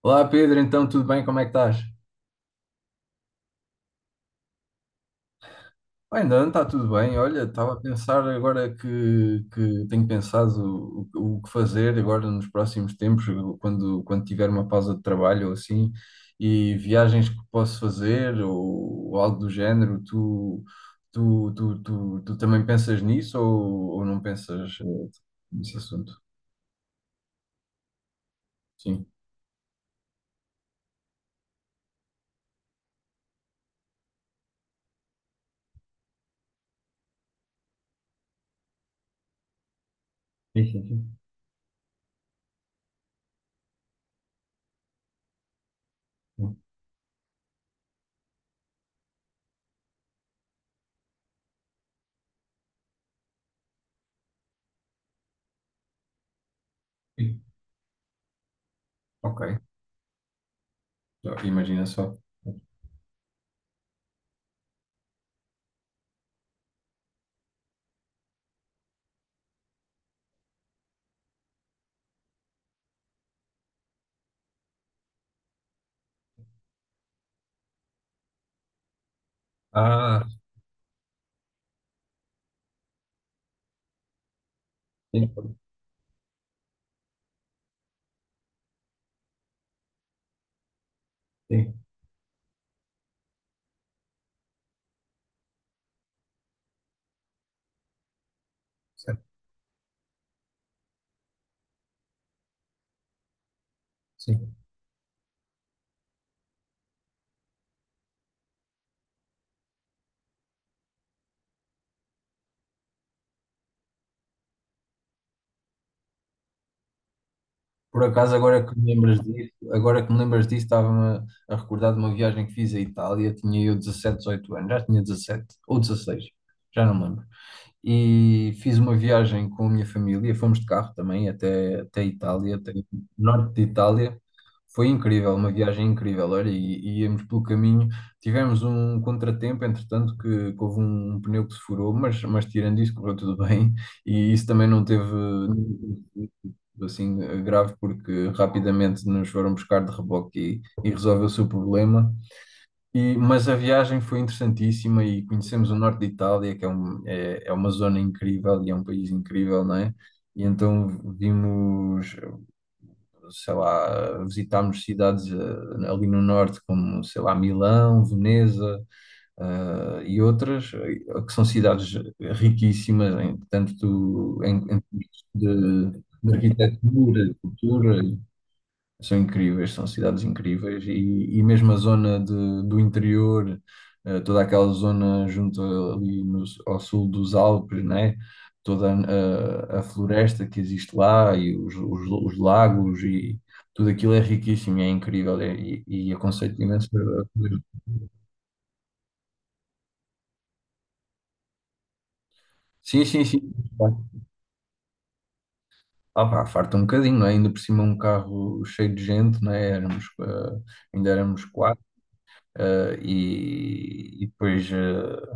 Olá Pedro, então tudo bem? Como é que estás? Bem, não, está tudo bem. Olha, estava a pensar agora que tenho pensado o que fazer agora nos próximos tempos, quando tiver uma pausa de trabalho ou assim, e viagens que posso fazer ou algo do género. Tu também pensas nisso ou não pensas nesse assunto? Sim. Sim, sim, sim. Sim. Ok. Então, imagina só. Ah, sim, sim, certo. Sim. Por acaso, agora que me lembras disso, agora que me lembras disso, estava-me a recordar de uma viagem que fiz à Itália. Tinha eu 17, 18 anos, já tinha 17 ou 16, já não me lembro, e fiz uma viagem com a minha família. Fomos de carro também até Itália, até o norte de Itália. Foi incrível, uma viagem incrível. Olha, e, íamos pelo caminho. Tivemos um contratempo, entretanto, que houve um pneu que se furou, mas tirando isso, correu tudo bem. E isso também não teve assim grave, porque rapidamente nos foram buscar de reboque e resolveu-se o problema. E mas a viagem foi interessantíssima e conhecemos o norte de Itália, que é uma zona incrível e é um país incrível, não é? E então vimos, sei lá, visitámos cidades ali no norte, como, sei lá, Milão, Veneza, e outras, que são cidades riquíssimas, tanto em termos de arquitetura, de cultura, são incríveis, são cidades incríveis, e mesmo a zona do interior, toda aquela zona junto ali no, ao sul dos Alpes, né? Toda a floresta que existe lá, e os lagos, e tudo aquilo é riquíssimo e é incrível, e aconselho imenso fazer. Sim, sim, sim. Ah, pá, farta um bocadinho, não é? Ainda por cima um carro cheio de gente, não é? Éramos, ainda éramos quatro. E depois,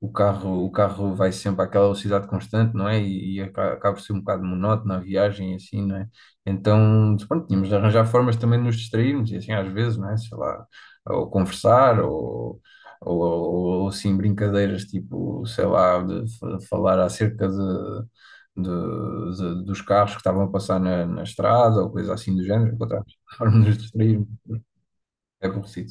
o carro vai sempre àquela velocidade constante, não é? E acaba por ser um bocado monótono a viagem, e assim, não é? Então, pronto, tínhamos de arranjar formas também de nos distrairmos, e assim, às vezes, não é? Sei lá, ou conversar, ou, ou, assim, brincadeiras, tipo, sei lá, de falar acerca de, dos carros que estavam a passar na estrada ou coisa assim do género. Encontramos formas de nos distrairmos. É por si.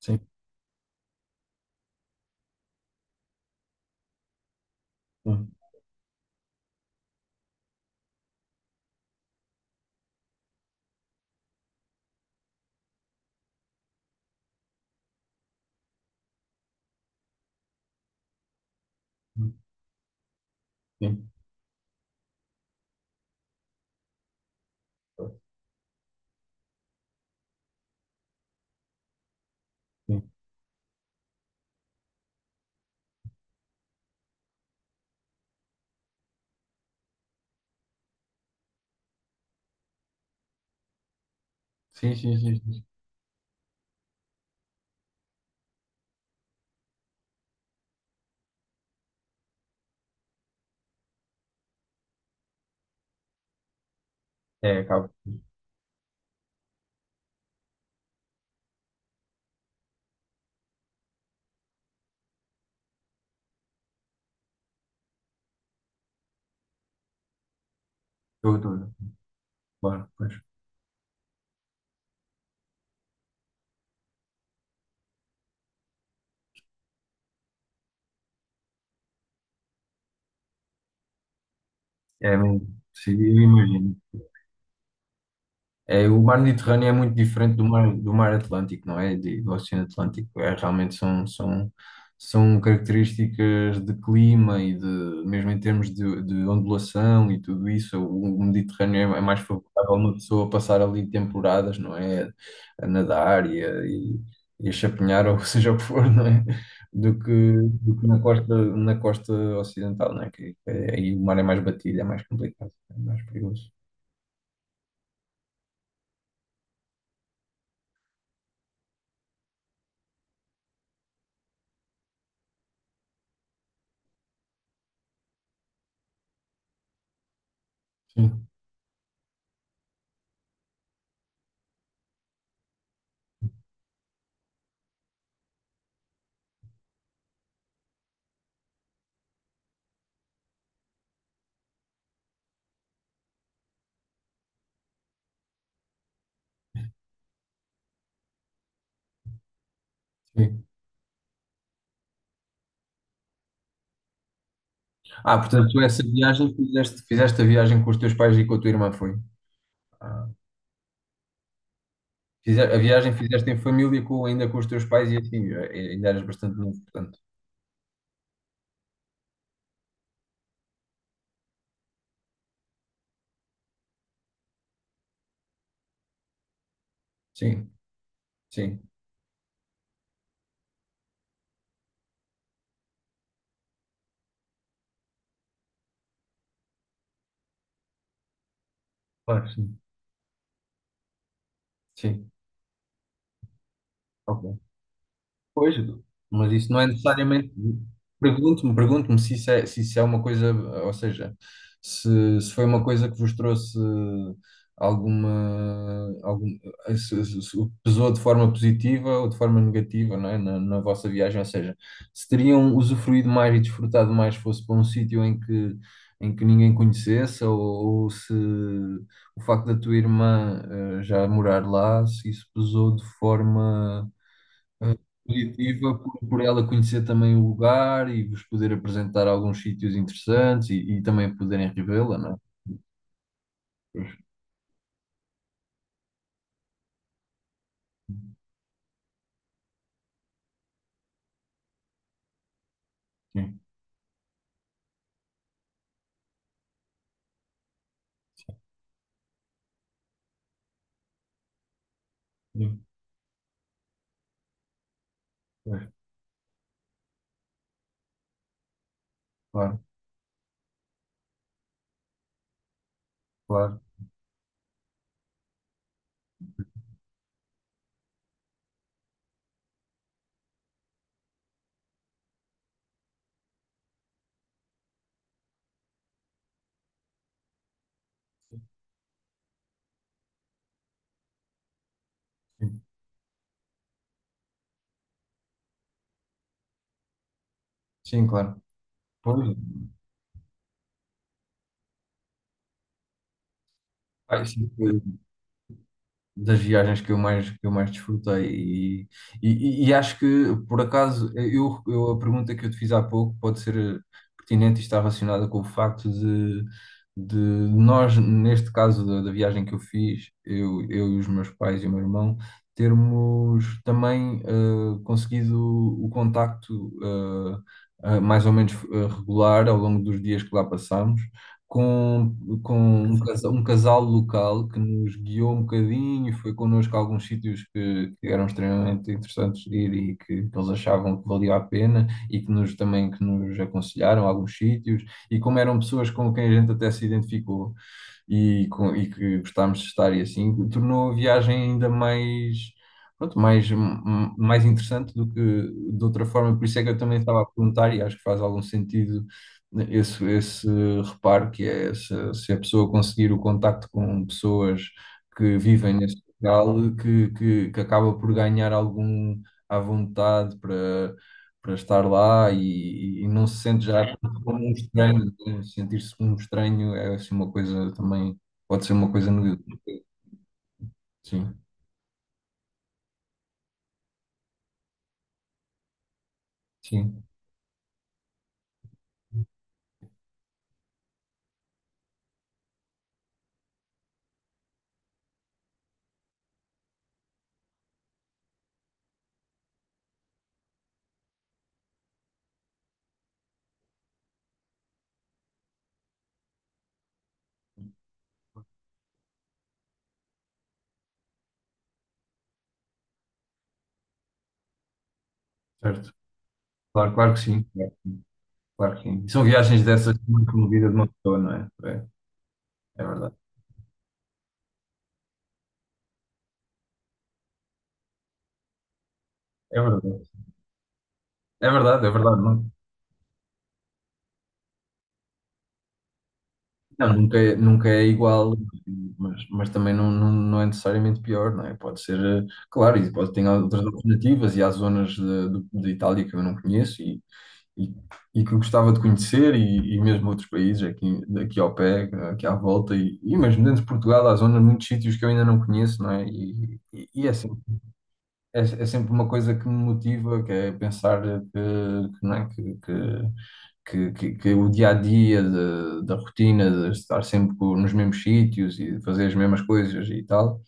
Sim, sim, sim, sim, sim, sim. Sim. É, acaba. Tudo, tudo. Claro, pois. É mesmo. Sim, eu imagino. É, o mar Mediterrâneo é muito diferente do mar Atlântico, não é? Do Oceano Atlântico. É, realmente são, são características de clima e de, mesmo em termos de ondulação e tudo isso. O Mediterrâneo é mais favorável a uma pessoa passar ali temporadas, não é? A nadar, e a chapinhar, ou seja o que for, não é? Do que, do que na costa ocidental, não é? Que é aí o mar é mais batido, é mais complicado, é mais perigoso. Sim, sim. Ah, portanto, tu essa viagem fizeste, a viagem com os teus pais e com a tua irmã, foi? Ah, a viagem fizeste em família, ainda com os teus pais e assim, ainda eras bastante novo, portanto. Sim, sim, claro, sim, sim. Ok. Pois, mas isso não é necessariamente. Pergunto-me se isso é, uma coisa, ou seja, se foi uma coisa que vos trouxe alguma, se, se pesou de forma positiva ou de forma negativa, não é? Na vossa viagem, ou seja, se teriam usufruído mais e desfrutado mais se fosse para um sítio em que ninguém conhecesse, ou se o facto da tua irmã já morar lá, se isso pesou de forma positiva por ela conhecer também o lugar e vos poder apresentar alguns sítios interessantes, e também poderem revê-la, não é? Pois, sim, sim, pois, claro, claro, sim, sim, claro. Pois, ai, sim, das viagens que eu mais, desfrutei. E, e acho que, por acaso, eu, a pergunta que eu te fiz há pouco pode ser pertinente e está relacionada com o facto de nós, neste caso da viagem que eu fiz, eu, e os meus pais e o meu irmão, termos também conseguido o contacto mais ou menos regular ao longo dos dias que lá passámos com, com um casal local que nos guiou um bocadinho, foi connosco a alguns sítios que eram extremamente interessantes de ir, e que eles achavam que valia a pena, e que nos também que nos aconselharam a alguns sítios, e como eram pessoas com quem a gente até se identificou e que gostámos de estar e assim, tornou a viagem ainda mais, pronto, mais interessante do que de outra forma. Por isso é que eu também estava a perguntar, e acho que faz algum sentido, né, esse reparo, que é se, a pessoa conseguir o contacto com pessoas que vivem nesse local, que acaba por ganhar algum à vontade para estar lá, e não se sente já um estranho, né? Sentir-se um estranho é assim uma coisa também, pode ser uma coisa negativa. Sim, sim, certo. Claro, claro que sim, é, claro que sim. E são viagens dessas muito comovidas de uma pessoa, não é? É, é verdade, é verdade. É verdade, é verdade. Não, não, nunca nunca é igual, mas também não, não é necessariamente pior, não é? Pode ser, claro, e pode ter outras alternativas, e há zonas de Itália que eu não conheço, e, e que gostava de conhecer, e mesmo outros países aqui, ao pé, aqui à volta, e mesmo dentro de Portugal há zonas, muitos sítios que eu ainda não conheço, não é? E é sempre, é sempre uma coisa que me motiva, que é pensar que, não é? Que o dia a dia da rotina, de estar sempre nos mesmos sítios e fazer as mesmas coisas e tal,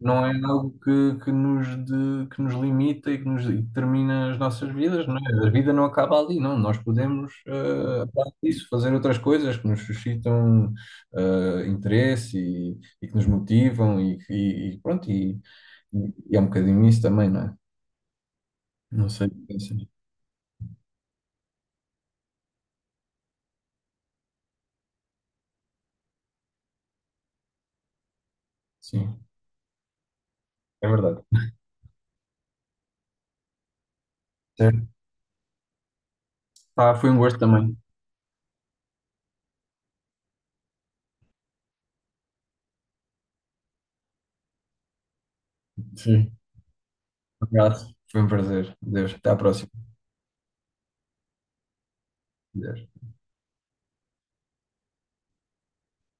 não é algo que nos limita e que determina as nossas vidas, não é? A vida não acaba ali, não. Nós podemos, aparte disso, fazer outras coisas que nos suscitam, interesse, e que nos motivam, e pronto, e é um bocadinho isso também, não é? Não sei o que pensas. Sim, é verdade. Certo. Ah, foi um gosto também. Sim. Obrigado. Foi um prazer. Deus, até à próxima. Adeus.